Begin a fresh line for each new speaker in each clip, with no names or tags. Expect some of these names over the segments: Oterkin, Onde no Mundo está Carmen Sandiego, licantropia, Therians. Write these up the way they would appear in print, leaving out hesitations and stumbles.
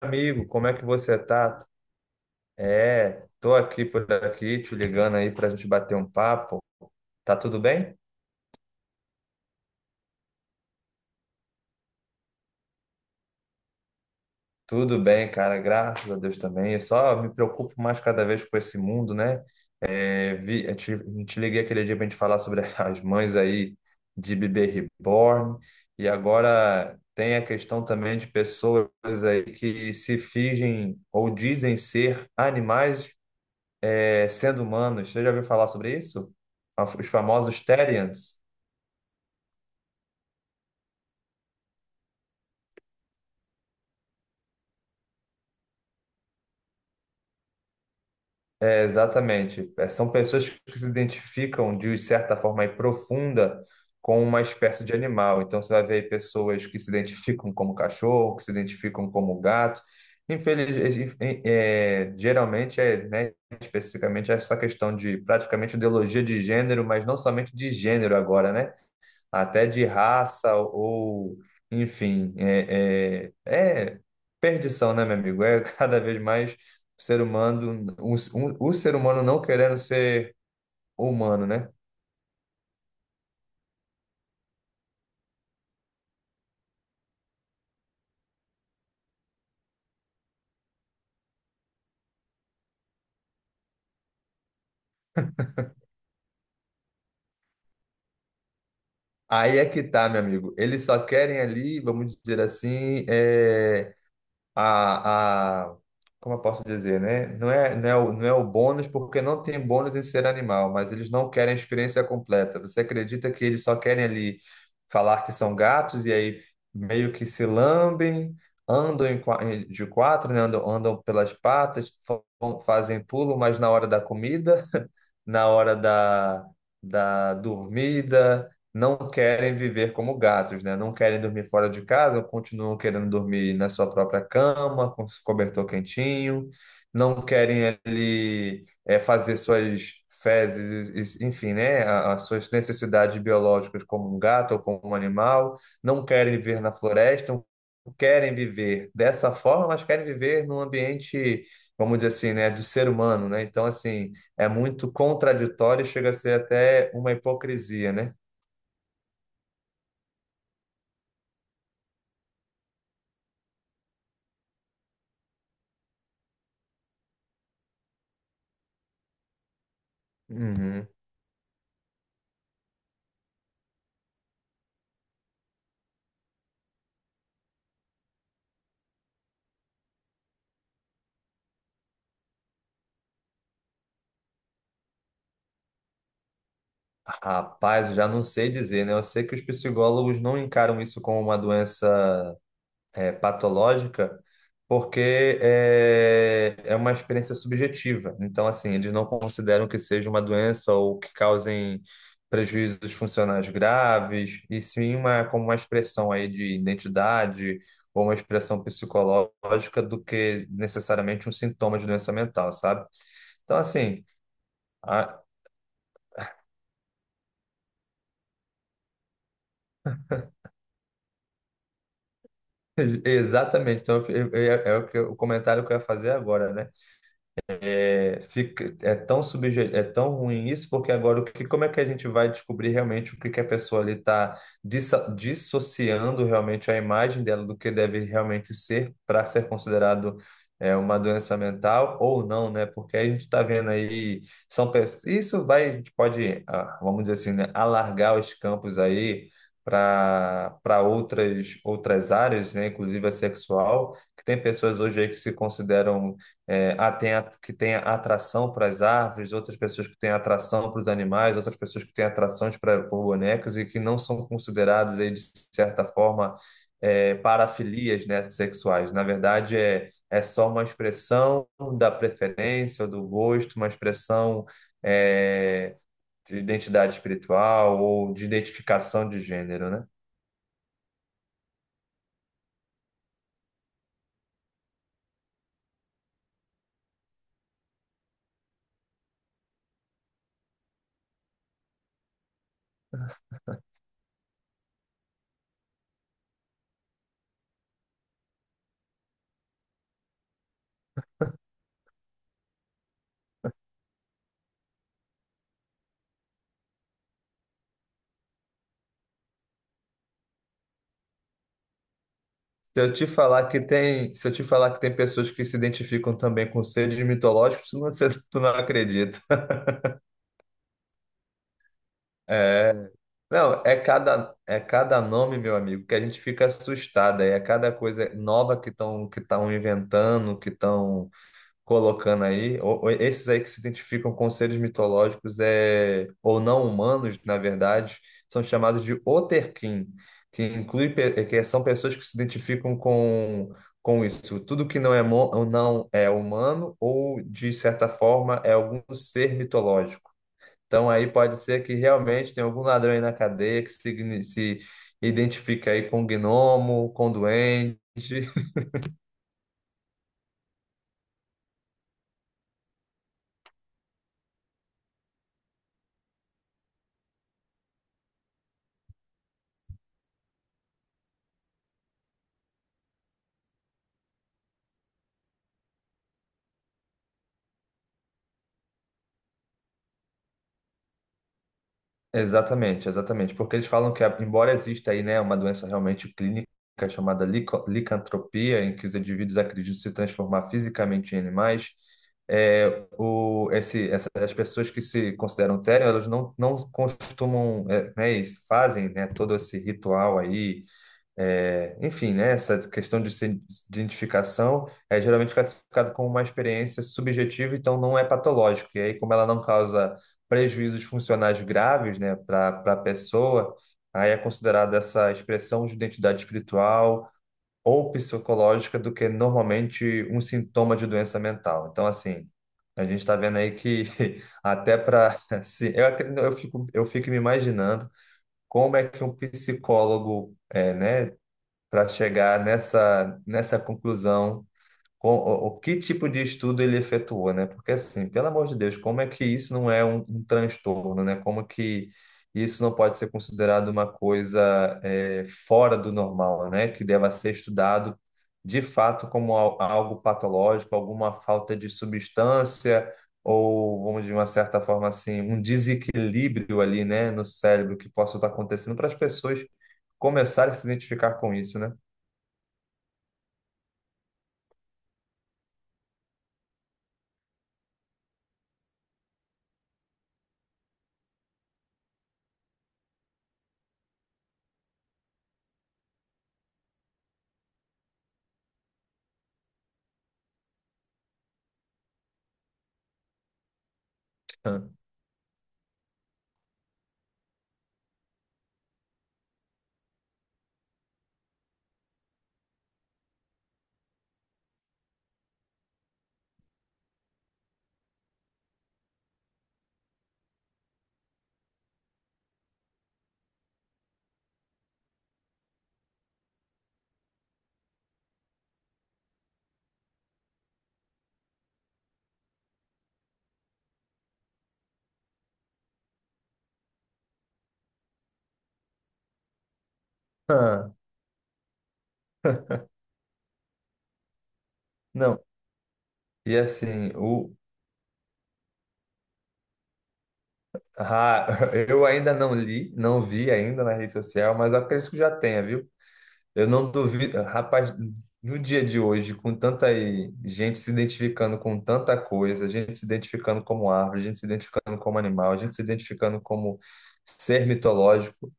Amigo, como é que você tá? Tô aqui por aqui, te ligando aí pra gente bater um papo. Tá tudo bem? Tudo bem, cara, graças a Deus também. Eu só me preocupo mais cada vez com esse mundo, né? Eu te liguei aquele dia pra gente falar sobre as mães aí de bebê reborn. E agora tem a questão também de pessoas aí que se fingem ou dizem ser animais, sendo humanos. Você já ouviu falar sobre isso? Os famosos Therians. Exatamente. É, são pessoas que se identificam de certa forma aí profunda com uma espécie de animal. Então você vai ver aí pessoas que se identificam como cachorro, que se identificam como gato. Infeliz, geralmente é, né, especificamente essa questão de praticamente ideologia de gênero, mas não somente de gênero agora, né? Até de raça ou, enfim, é perdição, né, meu amigo? É cada vez mais o ser humano, o ser humano não querendo ser humano, né? Aí é que tá, meu amigo. Eles só querem ali, vamos dizer assim, a, a, como eu posso dizer, né? Não é o bônus, porque não tem bônus em ser animal, mas eles não querem a experiência completa. Você acredita que eles só querem ali falar que são gatos e aí meio que se lambem, andam de quatro, né? Andam pelas patas, fazem pulo, mas na hora da comida, na hora da dormida não querem viver como gatos, né? Não querem dormir fora de casa, continuam querendo dormir na sua própria cama, com cobertor quentinho, não querem ali fazer suas fezes, enfim, né? a- As suas necessidades biológicas como um gato ou como um animal, não querem viver na floresta, não querem viver dessa forma, mas querem viver num ambiente, vamos dizer assim, né? Do ser humano, né? Então, assim, é muito contraditório e chega a ser até uma hipocrisia, né? Uhum. Rapaz, eu já não sei dizer, né? Eu sei que os psicólogos não encaram isso como uma doença patológica, porque é uma experiência subjetiva. Então, assim, eles não consideram que seja uma doença ou que causem prejuízos funcionais graves, e sim uma, como uma expressão aí de identidade ou uma expressão psicológica do que necessariamente um sintoma de doença mental, sabe? Então, assim. Exatamente. Então, o comentário que eu ia fazer agora, né? É, fica, é tão subje, é tão ruim isso, porque agora como é que a gente vai descobrir realmente que a pessoa ali está dissociando realmente a imagem dela do que deve realmente ser para ser considerado uma doença mental ou não, né? Porque a gente está vendo aí, são pessoas, isso vai, a gente pode, ah, vamos dizer assim, né, alargar os campos aí para outras áreas, né? Inclusive a sexual, que tem pessoas hoje aí que se consideram que tem atração para as árvores, outras pessoas que têm atração para os animais, outras pessoas que têm atrações pra, por bonecas e que não são consideradas, aí, de certa forma, parafilias, né, sexuais. Na verdade, é só uma expressão da preferência, ou do gosto, uma expressão, é, de identidade espiritual ou de identificação de gênero, né? Se eu te falar que tem, se eu te falar que tem pessoas que se identificam também com seres mitológicos, tu não acredita. É, não, é cada nome, meu amigo, que a gente fica assustado. Aí é cada coisa nova que estão inventando, que estão colocando aí. Ou esses aí que se identificam com seres mitológicos ou não humanos, na verdade, são chamados de Oterkin, que que são pessoas que se identificam com isso. Tudo que ou não é humano ou, de certa forma, é algum ser mitológico. Então aí pode ser que realmente tenha algum ladrão aí na cadeia que se identifica aí com gnomo, com duende. Exatamente. Porque eles falam que, embora exista aí, né, uma doença realmente clínica chamada licantropia, em que os indivíduos acreditam se transformar fisicamente em animais, as pessoas que se consideram tério, elas não, não costumam, e fazem, né, todo esse ritual aí. É, enfim, né, essa questão de se- de identificação é geralmente classificado como uma experiência subjetiva, então não é patológico. E aí, como ela não causa prejuízos funcionais graves, né, para a pessoa, aí é considerada essa expressão de identidade espiritual ou psicológica do que normalmente um sintoma de doença mental. Então, assim, a gente está vendo aí que até para assim, eu fico, me imaginando como é que um psicólogo né? Para chegar nessa, nessa conclusão, o que tipo de estudo ele efetuou, né? Porque assim, pelo amor de Deus, como é que isso não é um transtorno, né? Como que isso não pode ser considerado uma coisa fora do normal, né? Que deva ser estudado de fato como algo patológico, alguma falta de substância ou, vamos de uma certa forma assim, um desequilíbrio ali, né, no cérebro que possa estar acontecendo para as pessoas começarem a se identificar com isso, né? Ah, ah, Não, e assim, ah, eu ainda não li, não vi ainda na rede social, mas eu acredito que já tenha, viu? Eu não duvido, rapaz, no dia de hoje, com tanta gente se identificando com tanta coisa, gente se identificando como árvore, gente se identificando como animal, gente se identificando como ser mitológico.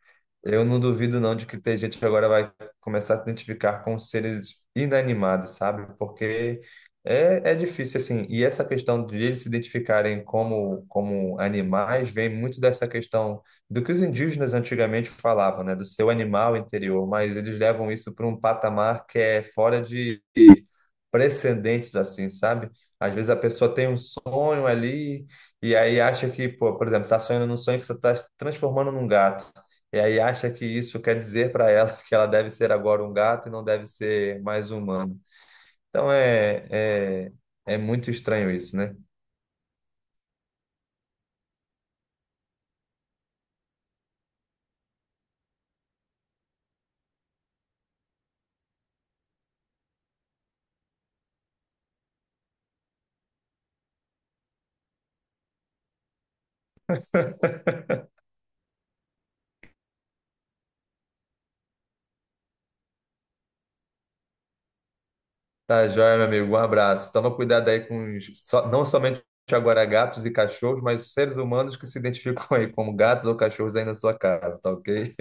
Eu não duvido não de que tem gente que agora vai começar a se identificar com seres inanimados, sabe? Porque é difícil, assim. E essa questão de eles se identificarem como animais vem muito dessa questão do que os indígenas antigamente falavam, né? Do seu animal interior, mas eles levam isso para um patamar que é fora de precedentes assim, sabe? Às vezes a pessoa tem um sonho ali e aí acha que, pô, por exemplo, tá sonhando num sonho que você tá transformando num gato. E aí acha que isso quer dizer para ela que ela deve ser agora um gato e não deve ser mais humano. Então é, é, é muito estranho isso, né? Tá joia, meu amigo. Um abraço. Toma cuidado aí com não somente agora gatos e cachorros, mas seres humanos que se identificam aí como gatos ou cachorros aí na sua casa, tá ok?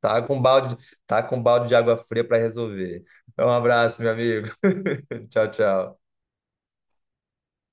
Tá com balde, tá com balde de água fria para resolver. Então, um abraço, meu amigo. Tchau, tchau.